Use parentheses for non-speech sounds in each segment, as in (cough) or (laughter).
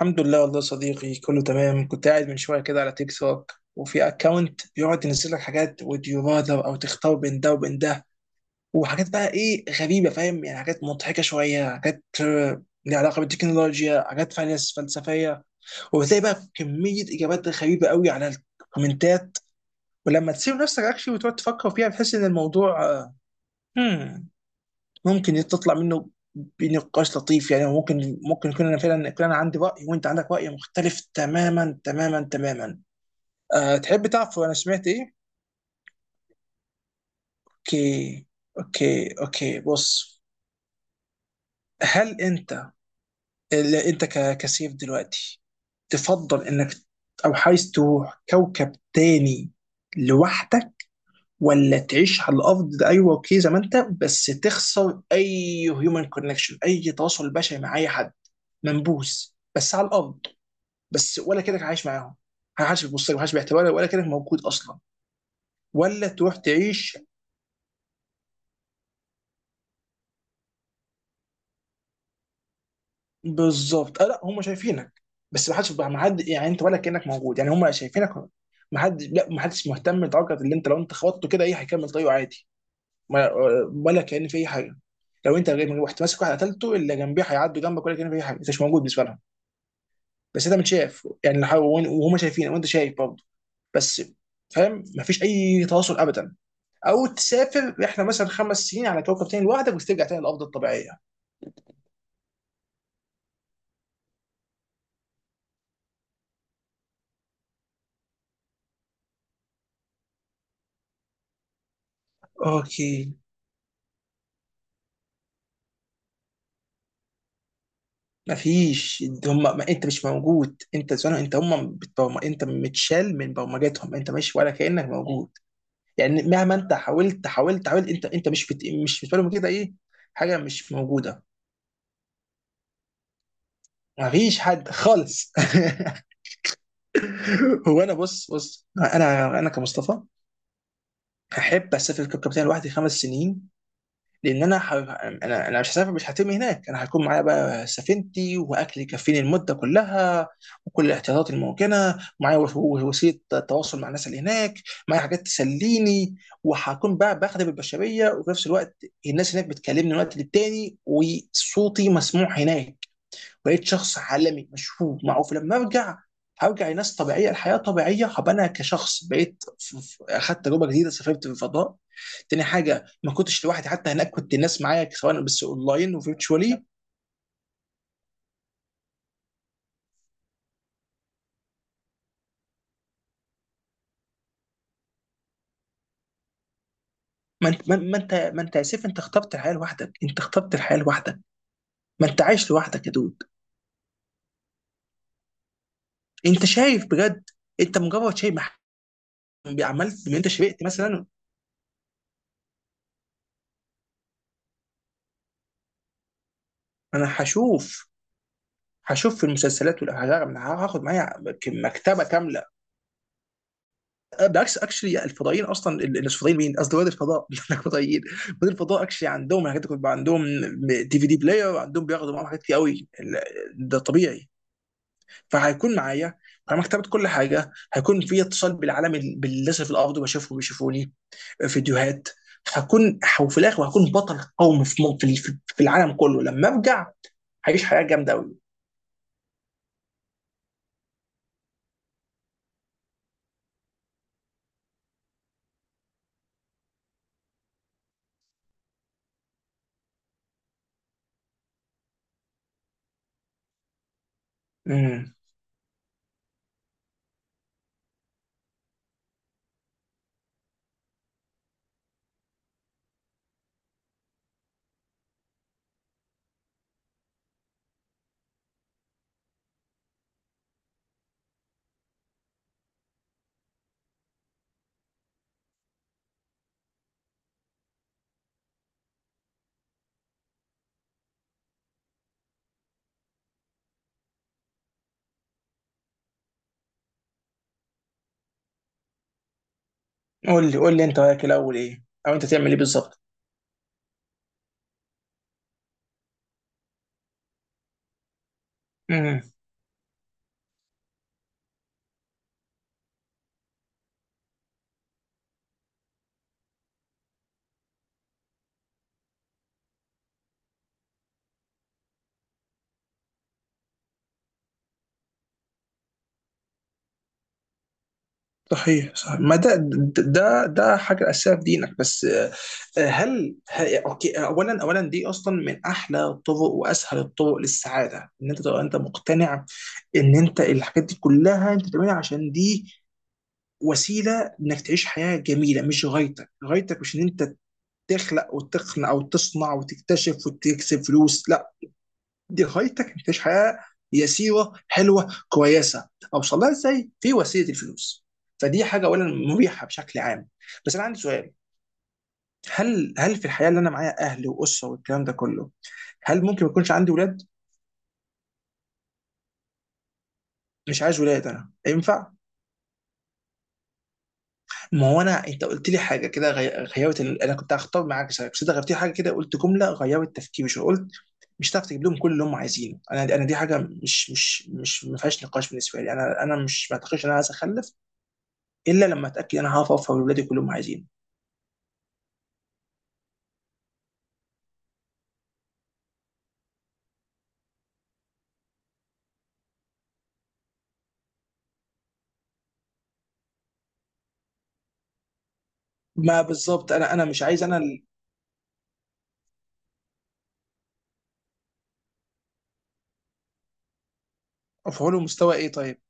الحمد لله والله يا صديقي، كله تمام. كنت قاعد من شويه كده على تيك توك، وفي اكونت بيقعد ينزل لك حاجات would you rather، او تختار بين ده وبين ده. وحاجات بقى ايه غريبه، فاهم؟ يعني حاجات مضحكه شويه، حاجات ليها علاقه بالتكنولوجيا، حاجات فلسفيه. وبتلاقي بقى كميه اجابات غريبه قوي على الكومنتات. ولما تسيب نفسك اكشلي وتقعد تفكر فيها، بتحس ان الموضوع hmm ممكن تطلع منه بنقاش لطيف، يعني ممكن يكون انا فعلا، يكون انا عندي راي وانت عندك راي مختلف تماما تماما تماما. أه، تحب تعرف انا سمعت ايه؟ اوكي، اوكي، اوكي، بص. هل انت، كسيف دلوقتي، تفضل انك، او عايز تروح كوكب تاني لوحدك، ولا تعيش على الارض ده؟ ايوه، اوكي، زي ما انت بس تخسر اي هيومن كونكشن، اي تواصل بشري مع اي حد، منبوذ بس على الارض، بس ولا كانك عايش معاهم، محدش بيبص لك، محدش بيعتبرك، ولا كانك موجود اصلا، ولا تروح تعيش؟ بالظبط. لا، هم شايفينك بس محدش، ما حد يعني انت ولا كانك موجود، يعني هم شايفينك. ما حد لا ما حدش مهتم، لدرجه اللي انت لو انت خبطته كده ايه، هيكمل طريقه عادي. ما- ولا كان في اي حاجه. لو انت غير رحت ماسك واحد قتلته، اللي جنبيه هيعدوا جنبك ولا كان في اي حاجه. انت مش موجود بالنسبه لهم. بس انت متشاف، يعني وهم شايفينك وانت شايف برضه، بس، فاهم؟ مفيش اي تواصل ابدا. او تسافر رحله مثلا 5 سنين على كوكب تاني لوحدك، وترجع تاني للارض الطبيعيه. اوكي، مفيش. هم ما انت مش موجود، انت زمان انت هم بتبرم، انت متشال من برمجتهم، انت مش، ولا كانك موجود. يعني مهما انت حاولت حاولت حاولت، انت مش بت، مش بالنسبه لهم كده ايه، حاجه مش موجوده. مفيش حد خالص. (laughs) هو انا، بص، انا كمصطفى، احب اسافر كوكب تاني لوحدي 5 سنين. لان انا ح... انا انا مش هسافر، مش هترمي هناك، انا هيكون معايا بقى سفينتي واكل يكفيني المده كلها، وكل الاحتياطات الممكنه معايا، وسيله تواصل مع الناس اللي هناك، معايا حاجات تسليني، وهكون بقى بخدم البشريه، وفي نفس الوقت الناس هناك بتكلمني من وقت للتاني وصوتي مسموع هناك. بقيت شخص عالمي مشهور معروف لما ارجع. هرجع لناس طبيعيه، الحياه طبيعيه، هبقى انا كشخص اخدت تجربه جديده، سافرت في الفضاء. تاني حاجه، ما كنتش لوحدي حتى هناك، كنت الناس معايا سواء، بس اونلاين وفيرتشوالي. ما انت يا سيف، انت اخترت الحياه لوحدك، انت اخترت الحياه لوحدك. ما انت عايش لوحدك يا دود. انت شايف بجد؟ انت مجرد شايف، عملت ان انت شبعت مثلا؟ انا هشوف، في المسلسلات، ولا هاخد معايا مكتبه كامله. بالعكس، اكشلي الفضائيين اصلا، مش فضائيين، مين قصدي، رواد الفضاء (laughs) مش هناك فضائيين. رواد الفضاء اكشلي عندهم الحاجات دي كلها، بيبقى عندهم DVD بلاير، عندهم بياخدوا معاهم حاجات كتير قوي ده طبيعي. فهيكون معايا انا مكتبه، كل حاجه، هيكون في اتصال بالعالم، بالناس اللي في الارض، بشوفهم بيشوفوني، فيديوهات. وفي الاخر هكون بطل قومي في م- في ال- في العالم كله لما ارجع. هعيش حياه جامده قوي. قول لي انت رايك الاول ايه، او انت تعمل ايه بالظبط. مم. صحيح صحيح، ما ده حاجه اساسيه في دينك، بس. اوكي، اولا دي اصلا من احلى الطرق واسهل الطرق للسعاده، ان انت تبقى انت مقتنع ان انت الحاجات دي كلها انت بتعملها عشان دي وسيله انك تعيش حياه جميله، مش غايتك. غايتك مش ان انت تخلق وتقنع، او تصنع وتكتشف وتكسب فلوس، لا. دي غايتك انك تعيش حياه يسيره حلوه كويسه. اوصل لها ازاي؟ في وسيله، الفلوس. فدي حاجه اولا مريحه بشكل عام. بس انا عندي سؤال. هل في الحياه اللي انا معايا اهل واسره والكلام ده كله، هل ممكن ما يكونش عندي ولاد؟ مش عايز ولاد انا، ينفع؟ ما هو انا، انت قلت لي حاجه كده غيرت ال، انا كنت هختار معاك سبب بس انت غيرت لي حاجه كده، قلت جمله غيرت تفكيري شويه، قلت مش هتعرف تجيب لهم كل اللي هم عايزينه. انا دي حاجه مش ما فيهاش نقاش بالنسبه لي. انا انا مش، ما اعتقدش ان انا عايز اخلف الا لما اتاكد انا هعرف ارفع لاولادي كلهم عايزين. ما بالظبط، انا مش عايز انا ارفع له مستوى ايه طيب.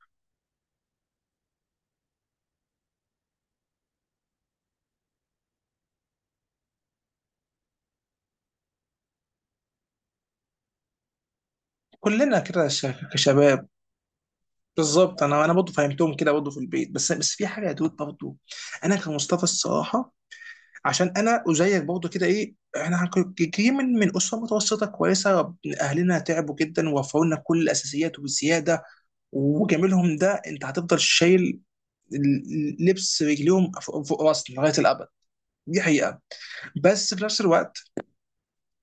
كلنا كده كشباب. بالظبط، انا برضه فهمتهم كده برضه في البيت بس، في حاجه يا دود برضه. انا كمصطفى الصراحه، عشان انا زيك برضه كده ايه، احنا جايين من اسره متوسطه كويسه. اهلنا تعبوا جدا ووفروا لنا كل الاساسيات والزياده، وجميلهم ده انت هتفضل شايل لبس رجليهم فوق فوق راسنا لغايه الابد. دي حقيقه. بس في نفس الوقت،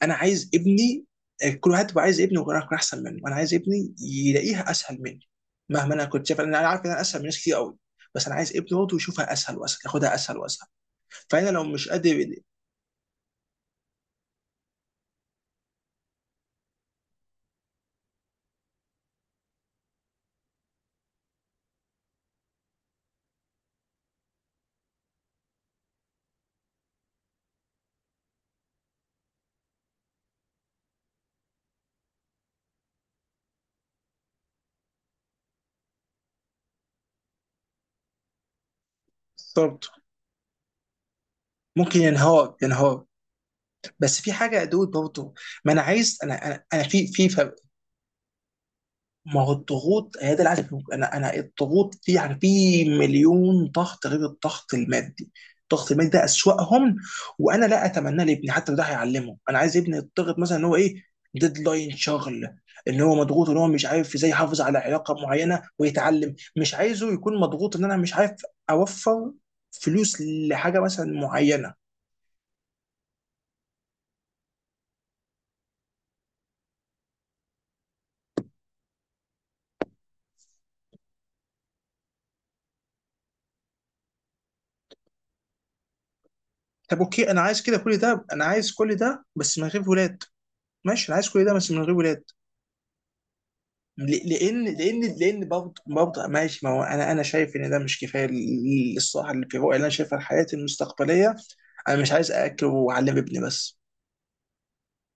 انا عايز ابني، كل واحد بيبقى عايز ابنه يكون، احسن منه. انا عايز ابني يلاقيها اسهل مني، مهما انا كنت شايف. انا عارف ان انا اسهل من ناس كتير قوي، بس انا عايز ابني برضه يشوفها اسهل واسهل، ياخدها اسهل واسهل. فانا لو مش قادر، بالظبط، ممكن ينهار ينهار. بس في حاجه يا دود برضه، ما انا عايز، انا في، ما هو الضغوط هي ده العزف. انا الضغوط دي يعني في مليون ضغط غير الضغط المادي. الضغط المادي ده اسوأهم، وانا لا اتمناه لابني حتى لو ده هيعلمه. انا عايز ابني يضغط مثلا ان هو ايه، ديدلاين شغل، ان هو مضغوط، ان هو مش عارف ازاي يحافظ على علاقه معينه ويتعلم. مش عايزه يكون مضغوط ان انا مش عارف اوفر فلوس لحاجه مثلا معينه. طب اوكي، انا عايز كده، كل ده، انا عايز كل ده بس من غير ولاد. ماشي، انا عايز كل ده بس من غير ولاد. لان برضه برضه، ماشي، ما هو انا شايف ان ده مش كفايه للصراحه، اللي في الرؤيه اللي انا شايفها حياتي المستقبليه. انا مش عايز اكل واعلم ابني بس،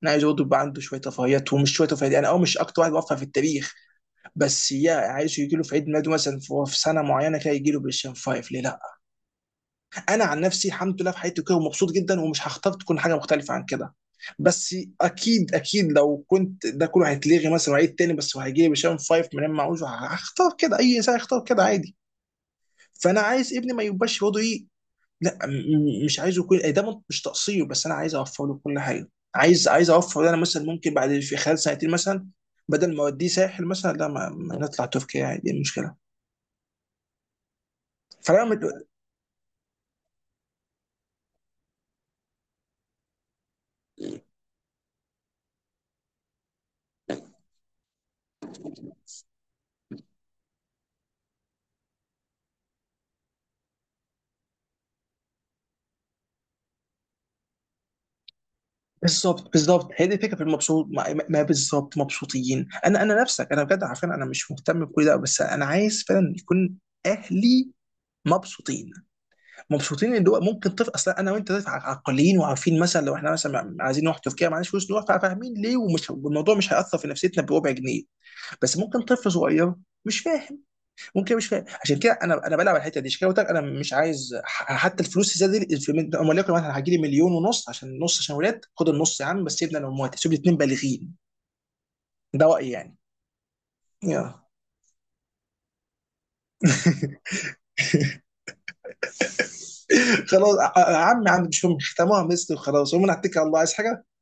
انا عايز برضه يبقى عنده شويه رفاهيات. ومش شويه رفاهيات، انا مش اكتر واحد بوفر في التاريخ، بس يا عايزه يجي له في عيد ميلاده مثلا في سنه معينه كده، يجي له بالشام فايف، ليه لا؟ انا عن نفسي الحمد لله في حياتي كده ومبسوط جدا، ومش هختار تكون حاجه مختلفه عن كده، بس اكيد اكيد لو كنت ده كله هيتلغي مثلا وعيد تاني بس، وهيجي بشام فايف من معوش، هختار كده. اي انسان هيختار كده عادي. فانا عايز ابني ما يبقاش برضه ايه، لا. مش عايزه يكون إيه، ده مش تقصير، بس انا عايز اوفر له كل حاجه. عايز اوفر له، انا مثلا ممكن بعد، في خلال سنتين مثلا، بدل ما اوديه ساحل مثلا، لا، ما نطلع تركيا عادي، إيه المشكله؟ فانا بالظبط بالظبط، هي دي الفكره، في المبسوط، ما بالظبط، مبسوطين، انا نفسك انا بجد، عارفين انا مش مهتم بكل ده بس انا عايز فعلا يكون اهلي مبسوطين، مبسوطين. اللي هو ممكن طفل اصلا، انا وانت طفل عاقلين وعارفين مثلا لو احنا مثلا عايزين نروح تركيا معناش فلوس نروح، فاهمين ليه، ومش، والموضوع مش هياثر في نفسيتنا بربع جنيه. بس ممكن طفل صغير مش فاهم، ممكن مش فاهم. عشان كده انا بلعب على الحته دي. عشان كده قلت لك انا مش عايز حتى الفلوس الزياده دي، وليكن مثلا هجي لي مليون ونص، عشان نص عشان ولاد، خد النص يا عم بس سيبنا انا وامواتي، سيب لي اتنين بالغين. ده رايي يعني. يا. (laughs) خلاص، عمي عندي مش مهم، ختموها مثل وخلاص، ومن على الله، عايز حاجه؟